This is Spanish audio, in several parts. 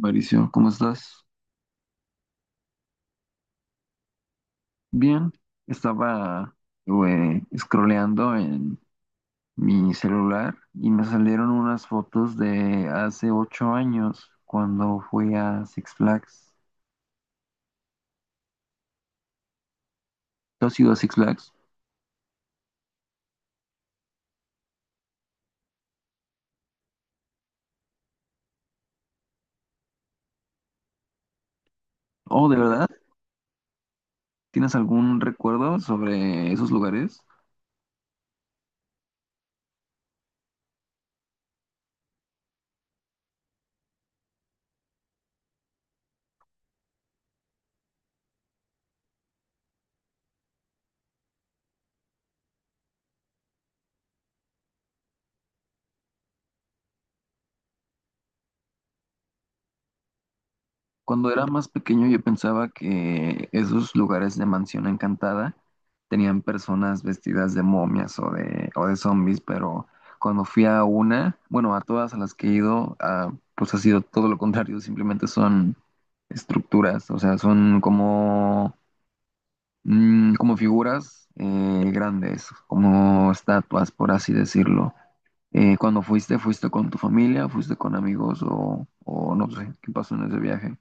Mauricio, ¿cómo estás? Bien, estaba scrolleando en mi celular y me salieron unas fotos de hace 8 años cuando fui a Six Flags. ¿Tú has ido a Six Flags? Oh, ¿de verdad? ¿Tienes algún recuerdo sobre esos lugares? Cuando era más pequeño yo pensaba que esos lugares de mansión encantada tenían personas vestidas de momias o de zombies, pero cuando fui a una, bueno, a todas a las que he ido, ah, pues ha sido todo lo contrario, simplemente son estructuras, o sea, son como como figuras grandes, como estatuas, por así decirlo. Cuando fuiste, ¿fuiste con tu familia? ¿Fuiste con amigos? O no sé, ¿qué pasó en ese viaje?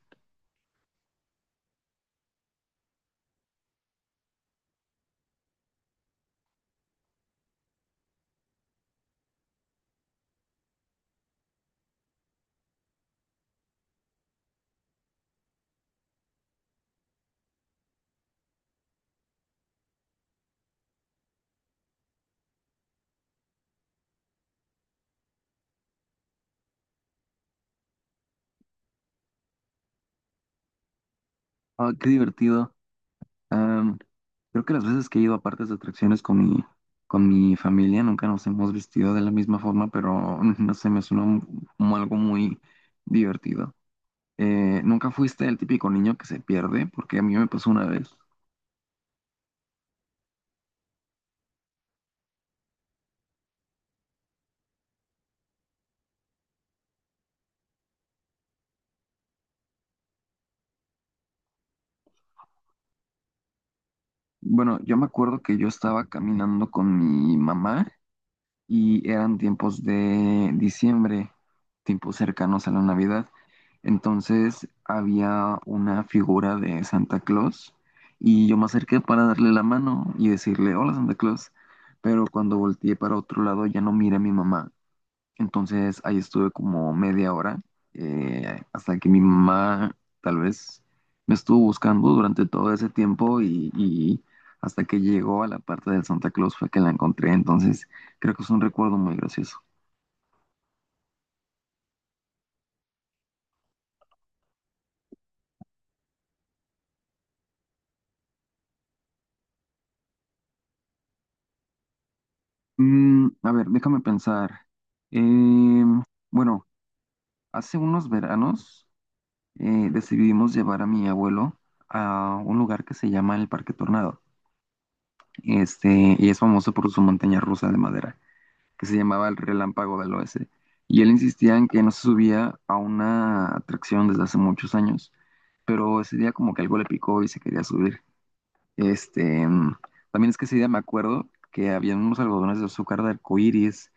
Ah, qué divertido. Am, Creo que las veces que he ido a partes de atracciones con mi familia nunca nos hemos vestido de la misma forma, pero no sé, como algo muy divertido. ¿Nunca fuiste el típico niño que se pierde? Porque a mí me pasó una vez. Bueno, yo me acuerdo que yo estaba caminando con mi mamá y eran tiempos de diciembre, tiempos cercanos a la Navidad. Entonces había una figura de Santa Claus y yo me acerqué para darle la mano y decirle, hola Santa Claus, pero cuando volteé para otro lado ya no miré a mi mamá, entonces ahí estuve como media hora hasta que mi mamá tal vez me estuvo buscando durante todo ese tiempo y hasta que llegó a la parte del Santa Claus fue que la encontré. Entonces creo que es un recuerdo muy gracioso. Mm, a ver, déjame pensar. Em, bueno, hace unos veranos decidimos llevar a mi abuelo a un lugar que se llama el Parque Tornado. Y es famoso por su montaña rusa de madera, que se llamaba el Relámpago del Oeste. Y él insistía en que no se subía a una atracción desde hace muchos años, pero ese día como que algo le picó y se quería subir. Este, mm, También es que ese día me acuerdo que había unos algodones de azúcar de arcoíris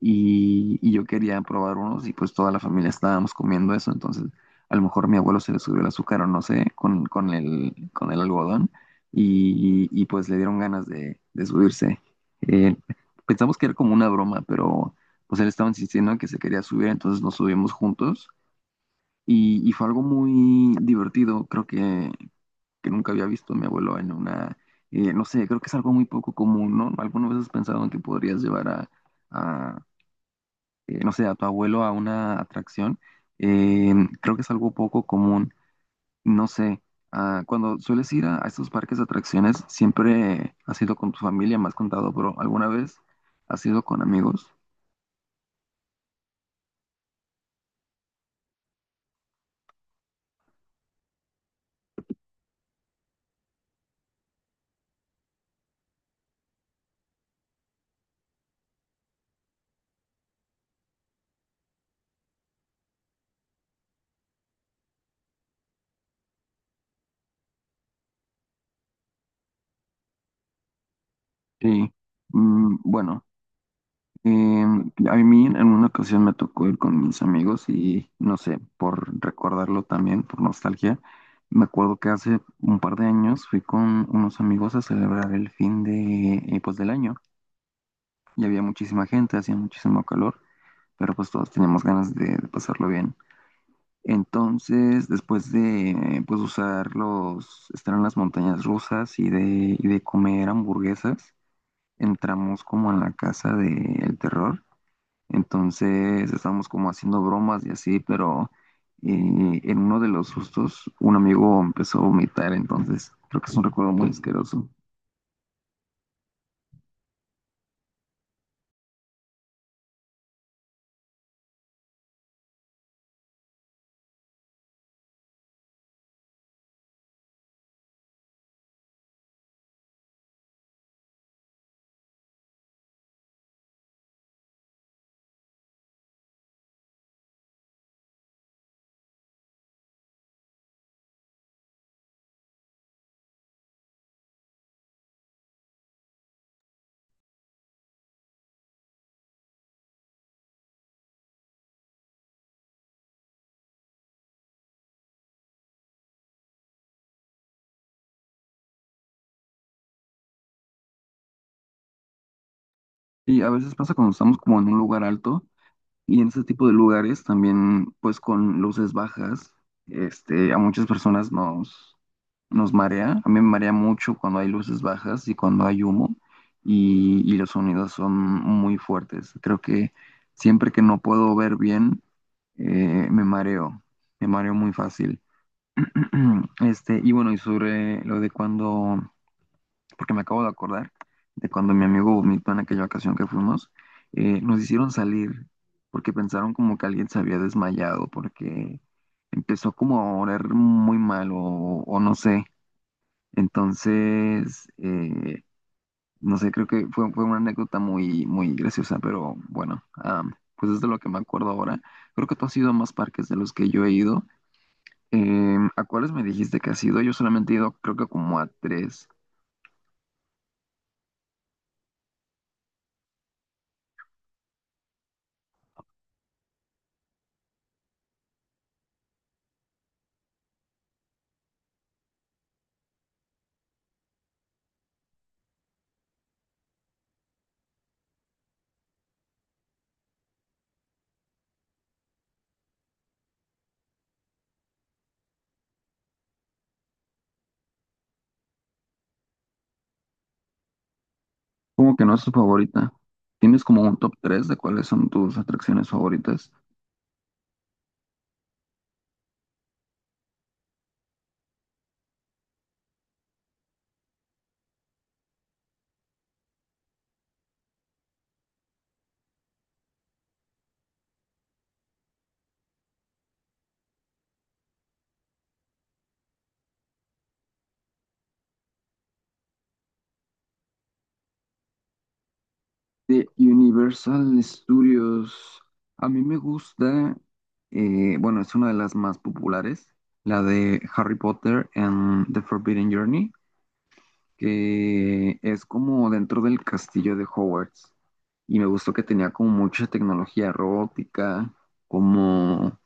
y yo quería probar unos y pues toda la familia estábamos comiendo eso, entonces a lo mejor mi abuelo se le subió el azúcar o no sé, con el algodón y pues le dieron ganas de subirse. Eh, Pensamos que era como una broma, pero pues él estaba insistiendo en que se quería subir, entonces nos subimos juntos y fue algo muy divertido, creo que nunca había visto a mi abuelo en una, no sé, creo que es algo muy poco común, ¿no? ¿Alguna vez has pensado en que podrías llevar a, no sé, a tu abuelo a una atracción? Eh, Creo que es algo poco común, no sé. Ah, cuando sueles ir a estos parques de atracciones, siempre has ido con tu familia, me has contado, pero ¿alguna vez has ido con amigos? Sí. Mm, bueno. A mí en una ocasión me tocó ir con mis amigos y no sé, por recordarlo también, por nostalgia, me acuerdo que hace un par de años fui con unos amigos a celebrar el fin de, pues, del año y había muchísima gente, hacía muchísimo calor, pero pues todos teníamos ganas de pasarlo bien. Entonces, después de estar en las montañas rusas y de comer hamburguesas, entramos como en la casa del terror. Entonces estábamos como haciendo bromas y así, pero en uno de los sustos un amigo empezó a vomitar, entonces creo que es un recuerdo muy asqueroso. Y a veces pasa cuando estamos como en un lugar alto y en ese tipo de lugares también pues con luces bajas, a muchas nos marea. A mí me marea mucho cuando hay luces bajas y cuando hay humo y los sonidos son muy fuertes. Creo que siempre que no puedo ver bien, eh, me mareo, me mareo muy fácil. Y bueno, y sobre lo de porque me acabo de acordar de cuando mi amigo vomitó en aquella ocasión que fuimos, nos hicieron salir porque pensaron como que alguien se había desmayado, porque empezó como a oler muy mal o no sé. Entonces, no sé, fue una anécdota muy, muy graciosa, pero bueno, pues es de lo que me acuerdo ahora. Creo que tú has ido a más parques de los que yo he ido. ¿A cuáles me dijiste que has ido? Yo solamente he ido, creo que como a 3. Como que no es tu favorita. ¿Tienes como un top 3 de cuáles son tus atracciones favoritas? De Universal Studios. A mí me gusta, bueno, es una de las más populares, la de Harry Potter and the Forbidden Journey, que es como dentro del castillo de Hogwarts. Y me gustó que tenía como mucha tecnología robótica, como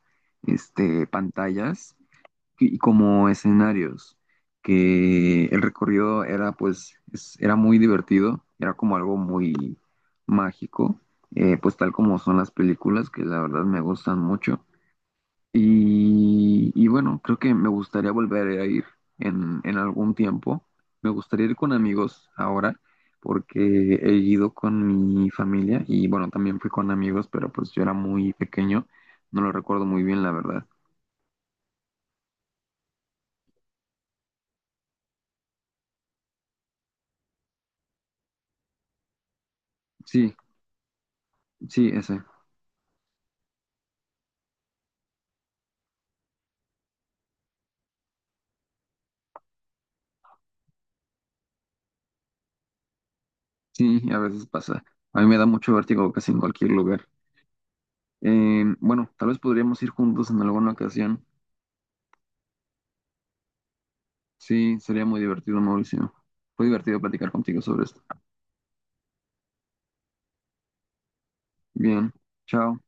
pantallas y como escenarios, que el recorrido era era muy divertido, era como algo muy mágico, pues tal como son las películas, que la verdad me gustan mucho. Y bueno, creo que me gustaría volver a ir en algún tiempo. Me gustaría ir con amigos ahora, porque he ido con mi familia y bueno, también fui con amigos, pero pues yo era muy pequeño, no lo recuerdo muy bien, la verdad. Sí, sí, ese. Sí, a veces pasa. A mí me da mucho vértigo casi en cualquier lugar. Bueno, tal vez podríamos ir juntos en alguna ocasión. Sí, sería muy divertido, Mauricio. Fue divertido platicar contigo sobre esto. Bien, chao.